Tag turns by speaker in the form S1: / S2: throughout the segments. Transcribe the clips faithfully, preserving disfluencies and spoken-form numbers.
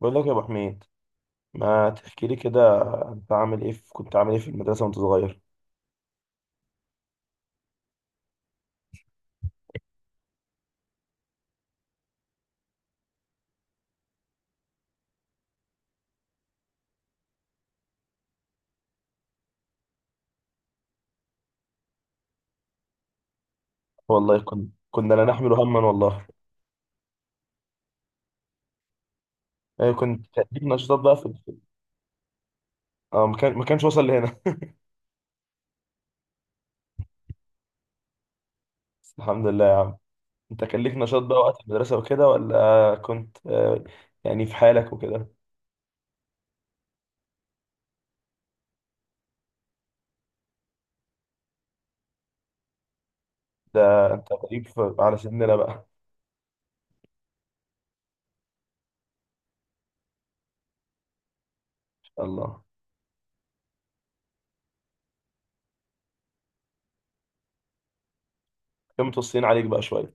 S1: بقول لك يا ابو حميد، ما تحكي لي كده. انت عامل ايه في كنت عامل ايه في المدرسه وانت صغير؟ والله كنا كنا لا نحمل هما والله. ايه، كنت كان ليك نشاطات بقى في في- اه، ما كان ما كانش وصل لهنا. بس الحمد لله يا عم، انت كان ليك نشاط بقى وقت المدرسه وكده، ولا كنت آه، يعني في حالك وكده؟ ده انت غريب في- على سننا بقى. ان شاء الله كانوا متوصيين عليك بقى شويه؟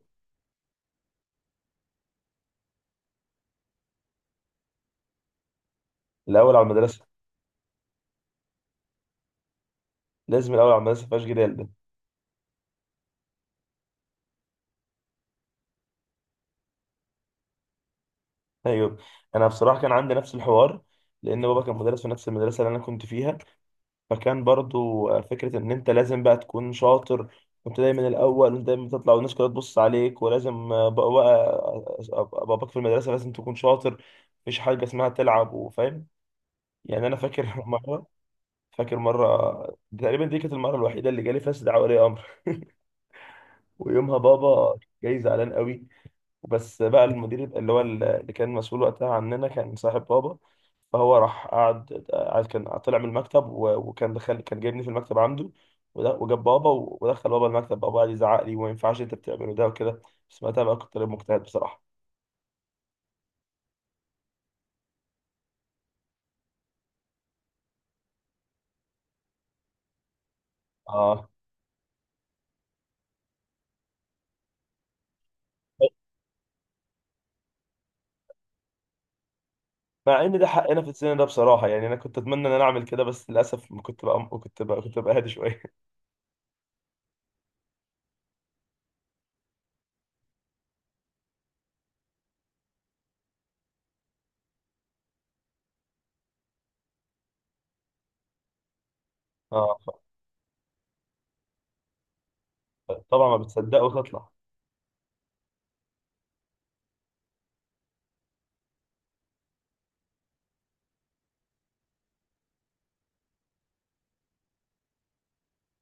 S1: الاول على المدرسه. لازم الاول على المدرسه، مفيهاش جدال ده. ايوه، انا بصراحه كان عندي نفس الحوار، لان بابا كان مدرس في نفس المدرسه اللي انا كنت فيها. فكان برضو آه، فكرة إن أنت لازم بقى تكون شاطر. كنت دايما الأول، وأنت دايما تطلع والناس كلها تبص عليك، ولازم آه، بقى بقى- أبقى باباك في المدرسة، لازم تكون شاطر. مفيش حاجة اسمها تلعب وفاهم. يعني أنا فاكر مرة. فاكر مرة تقريبا، دي كانت المرة الوحيدة اللي جالي فيها استدعاء ولي أمر. ويومها بابا جاي زعلان قوي. بس بقى المدير اللي هو اللي كان مسؤول وقتها عننا كان صاحب بابا. فهو راح قعد قعد كان طلع من المكتب و- وكان دخل، كان جايبني في المكتب عنده. ود- وجاب بابا و- ودخل بابا المكتب، بابا قعد يزعق لي: وما ينفعش انت بتعمله ده وكده. بس وقتها بقى كنت طالب مجتهد بصراحه. اه، مع ان ده حقنا في السن ده بصراحه. يعني انا كنت اتمنى ان انا اعمل كده، بس للاسف ما كنت بقى، كنت بقى كنت بقى هادي شويه. اه، طبعا ما بتصدقه وتطلع.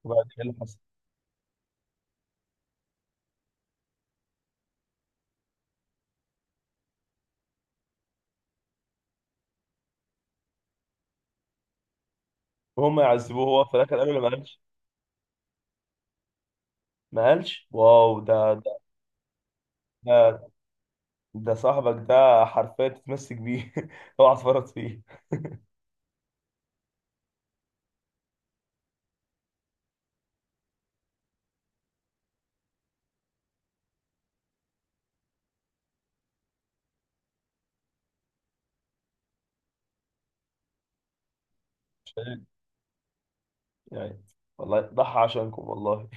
S1: وبعدين ايه اللي حصل؟ وهم يعذبوه هو في الاخر، قالوا ما قالش؟ ما قالش؟ واو، ده ده ده, ده صاحبك ده حرفيا تتمسك بيه. اوعى تفرط فيه. عشان- يعني والله ضحى عشانكم والله.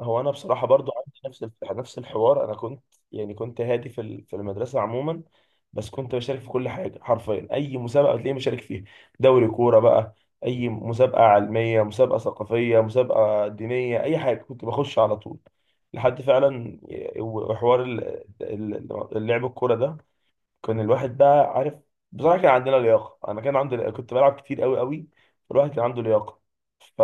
S1: هو انا بصراحه برضو عندي نفس الف- نفس الحوار. انا كنت، يعني كنت هادي في ال- في المدرسه عموما، بس كنت بشارك في كل حاجه حرفيا. اي مسابقه بتلاقيني بشارك فيها، دوري كوره بقى، اي مسابقه علميه، مسابقه ثقافيه، مسابقه دينيه، اي حاجه كنت بخش على طول. لحد فعلا ي- وحوار ال- ال- اللعب الكوره ده. كان الواحد بقى عارف بصراحه، كان عندنا لياقه. انا كان عندي، كنت بلعب كتير قوي قوي، فالواحد كان عنده لياقه. ف...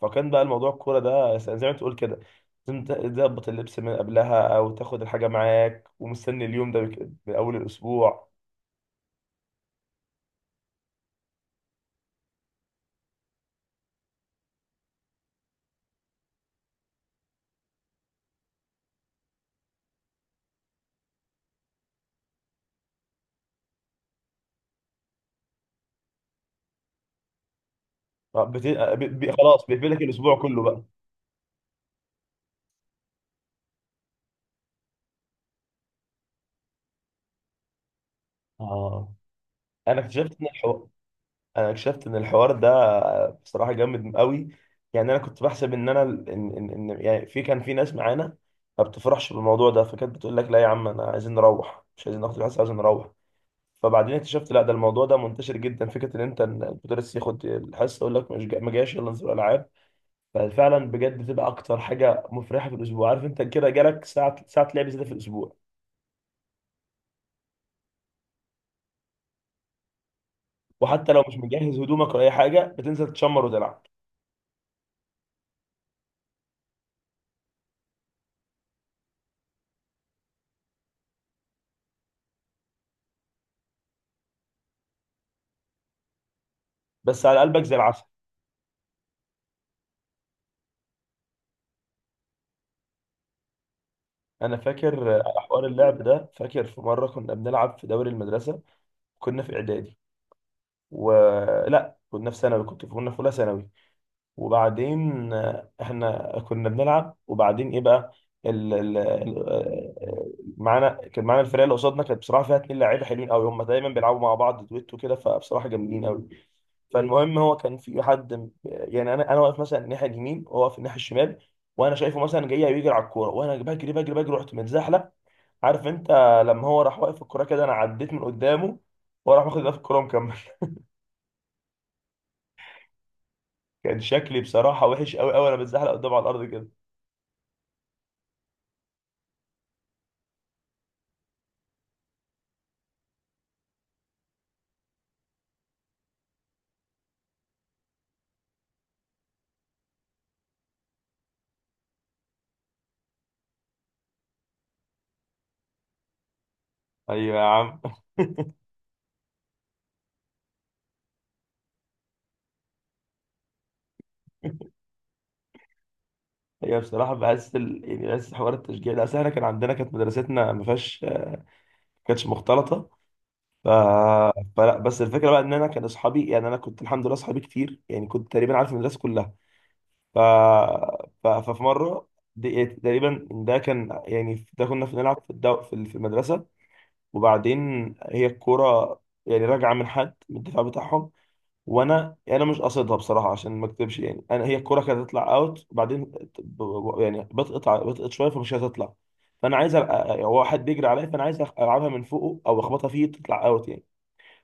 S1: فكان بقى الموضوع الكوره ده زي ما تقول كده، لازم تظبط اللبس من قبلها او تاخد الحاجه معاك، ومستني اليوم ده بك... من اول الاسبوع. بت... ب... ب... خلاص، بيقفلك الاسبوع كله بقى. اه، انا اكتشفت ان الحوار، انا اكتشفت ان الحوار ده بصراحه جامد قوي. يعني انا كنت بحسب ان انا ان ان إن- يعني في كان في ناس معانا ما بتفرحش بالموضوع ده، فكانت بتقول لك: لا يا عم انا عايزين نروح، مش عايزين ناخد الحصه، عايزين نروح. فبعدين اكتشفت لا، ده الموضوع ده منتشر جدا، فكره ان انت إن المدرس ياخد الحصه يقول لك مش جا... ما جاش، يلا نزور العاب. ففعلا بجد بتبقى اكتر حاجه مفرحه في الاسبوع. عارف انت كده جالك ساعه ساعه لعب زياده في الاسبوع، وحتى لو مش مجهز هدومك ولا اي حاجه بتنزل تشمر وتلعب، بس على قلبك زي العسل. انا فاكر على حوار اللعب ده، فاكر في مره كنا بنلعب في دوري المدرسه. كنا في اعدادي ولا كنا في ثانوي؟ كنت كنا في اولى ثانوي. وبعدين آه، احنا كنا بنلعب، وبعدين ايه بقى؟ ال... ال... ال- آه، معانا، كان معانا الفرقه اللي قصادنا كانت بصراحه فيها اتنين لعيبه حلوين قوي، هم دايما بيلعبوا مع بعض دويتو كده، فبصراحه جامدين قوي. فالمهم، هو كان في حد م- يعني انا، انا واقف مثلا الناحيه اليمين وهو واقف الناحيه الشمال. وانا شايفه مثلا جاي بيجري على الكوره، وانا بجري بجري بجري رحت متزحلق. عارف انت، لما هو راح واقف الكرة كده انا عديت من قدامه، وراح واخد ده في الكرة ومكمل. كان شكلي بصراحة وحش قوي قوي، انا بتزحلق قدامه على الارض كده. ايوه يا عم. هي بصراحة بحس ال... يعني بحس حوار التشجيع ده، اصل احنا كان عندنا، كانت مدرستنا ما فيهاش، ما كانتش مختلطة. ف... فلا، بس الفكرة بقى ان انا كان اصحابي، يعني انا كنت الحمد لله اصحابي كتير، يعني كنت تقريبا عارف المدرسة كلها. ف... ف... ففي مرة، دي... تقريبا ده كان، يعني ده كنا في نلعب في الدو... في المدرسة. وبعدين، هي الكرة يعني راجعة من حد من الدفاع بتاعهم، وانا يعني انا مش قاصدها بصراحة، عشان ما اكذبش. يعني انا هي الكرة كانت هتطلع اوت، وبعدين ب- يعني بتقطع بتقطع شوية، فمش هتطلع. فانا عايز أ- أ- هو واحد بيجري عليا، فانا عايز أخ- العبها من فوقه او اخبطها فيه تطلع اوت يعني.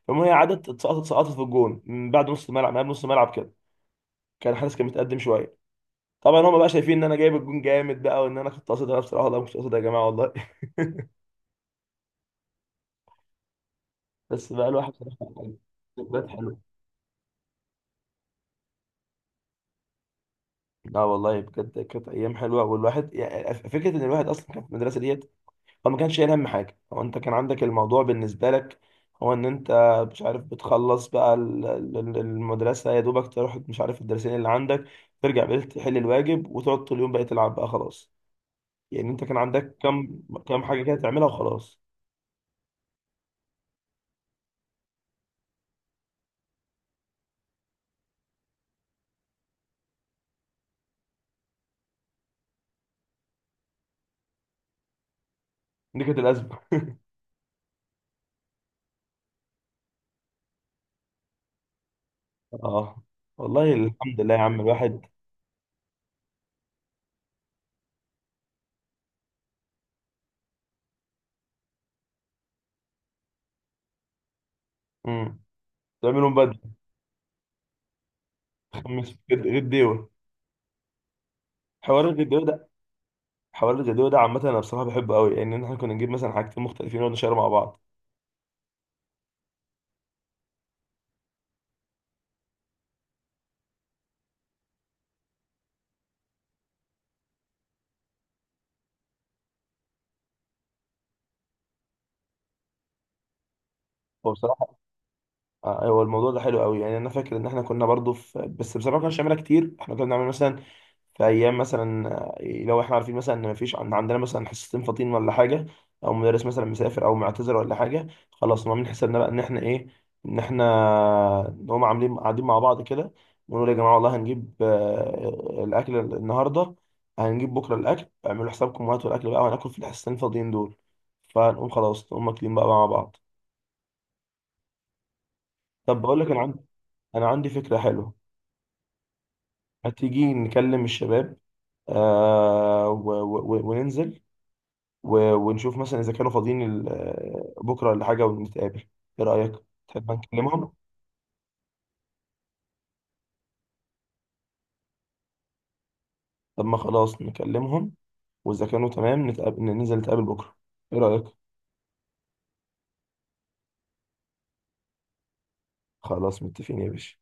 S1: فالمهم هي عدت اتسقطت سقطت في الجون، من بعد نص الملعب، من قبل نص الملعب كده. كان الحارس كان متقدم شوية. طبعا هم بقى شايفين ان انا جايب الجون جامد بقى، وان انا كنت قاصدها. أنا بصراحة والله مش قاصدها يا جماعة والله. بس بقى الواحد بصراحة. ذكريات حلوة. لا والله بجد كانت ايام حلوه. والواحد يعني فكره ان الواحد اصلا كان في المدرسه ديت، هو ما كانش شايل هم حاجه. هو انت كان عندك الموضوع بالنسبه لك، هو ان انت مش عارف بتخلص بقى ال- ال- ال- المدرسه، يا دوبك تروح مش عارف الدرسين اللي عندك، ترجع بالليل تحل الواجب، وتقعد طول اليوم بقى تلعب بقى خلاص. يعني انت كان عندك كم، كم حاجه كده تعملها وخلاص. دي كانت الازمه. اه، والله الحمد لله يا عم الواحد. امم، تعملهم بدري. خمس غير ديوه. حوار الغير، حوار الجدول ده عامة أنا بصراحة بحبه قوي، لأن يعني إحنا كنا نجيب مثلا حاجتين مختلفين ونقعد نشير مع بعض. هو بصراحة آه، هو الموضوع ده حلو قوي. يعني انا فاكر ان احنا كنا برضو في، بس بصراحه ما كناش بنعملها كتير. احنا كنا بنعمل مثلا، في ايام مثلا آه، لو احنا عارفين مثلا ان مفيش عن- عندنا مثلا حصتين فاضيين ولا حاجه، او مدرس مثلا مسافر او معتذر ولا حاجه، خلاص نقوم عاملين حسابنا بقى ان احنا ايه، ان احنا نقوم عاملين قاعدين مع بعض كده ونقول يا جماعه والله هنجيب آه، الاكل النهارده، هنجيب بكره الاكل اعملوا حسابكم وهاتوا الاكل بقى وهناكل في الحصتين الفاضيين دول. فنقوم خلاص نقوم واكلين بقى مع بعض. طب بقول لك، انا عندي، انا عندي فكره حلوه. هتيجي نكلم الشباب؟ آه و و و- وننزل و ونشوف مثلا إذا كانوا فاضيين ال- آه، بكرة ولا حاجة ونتقابل. إيه رأيك؟ تحب نكلمهم؟ طب ما خلاص نكلمهم، وإذا كانوا تمام نتقابل، ننزل نتقابل بكرة. إيه رأيك؟ خلاص متفقين يا باشا.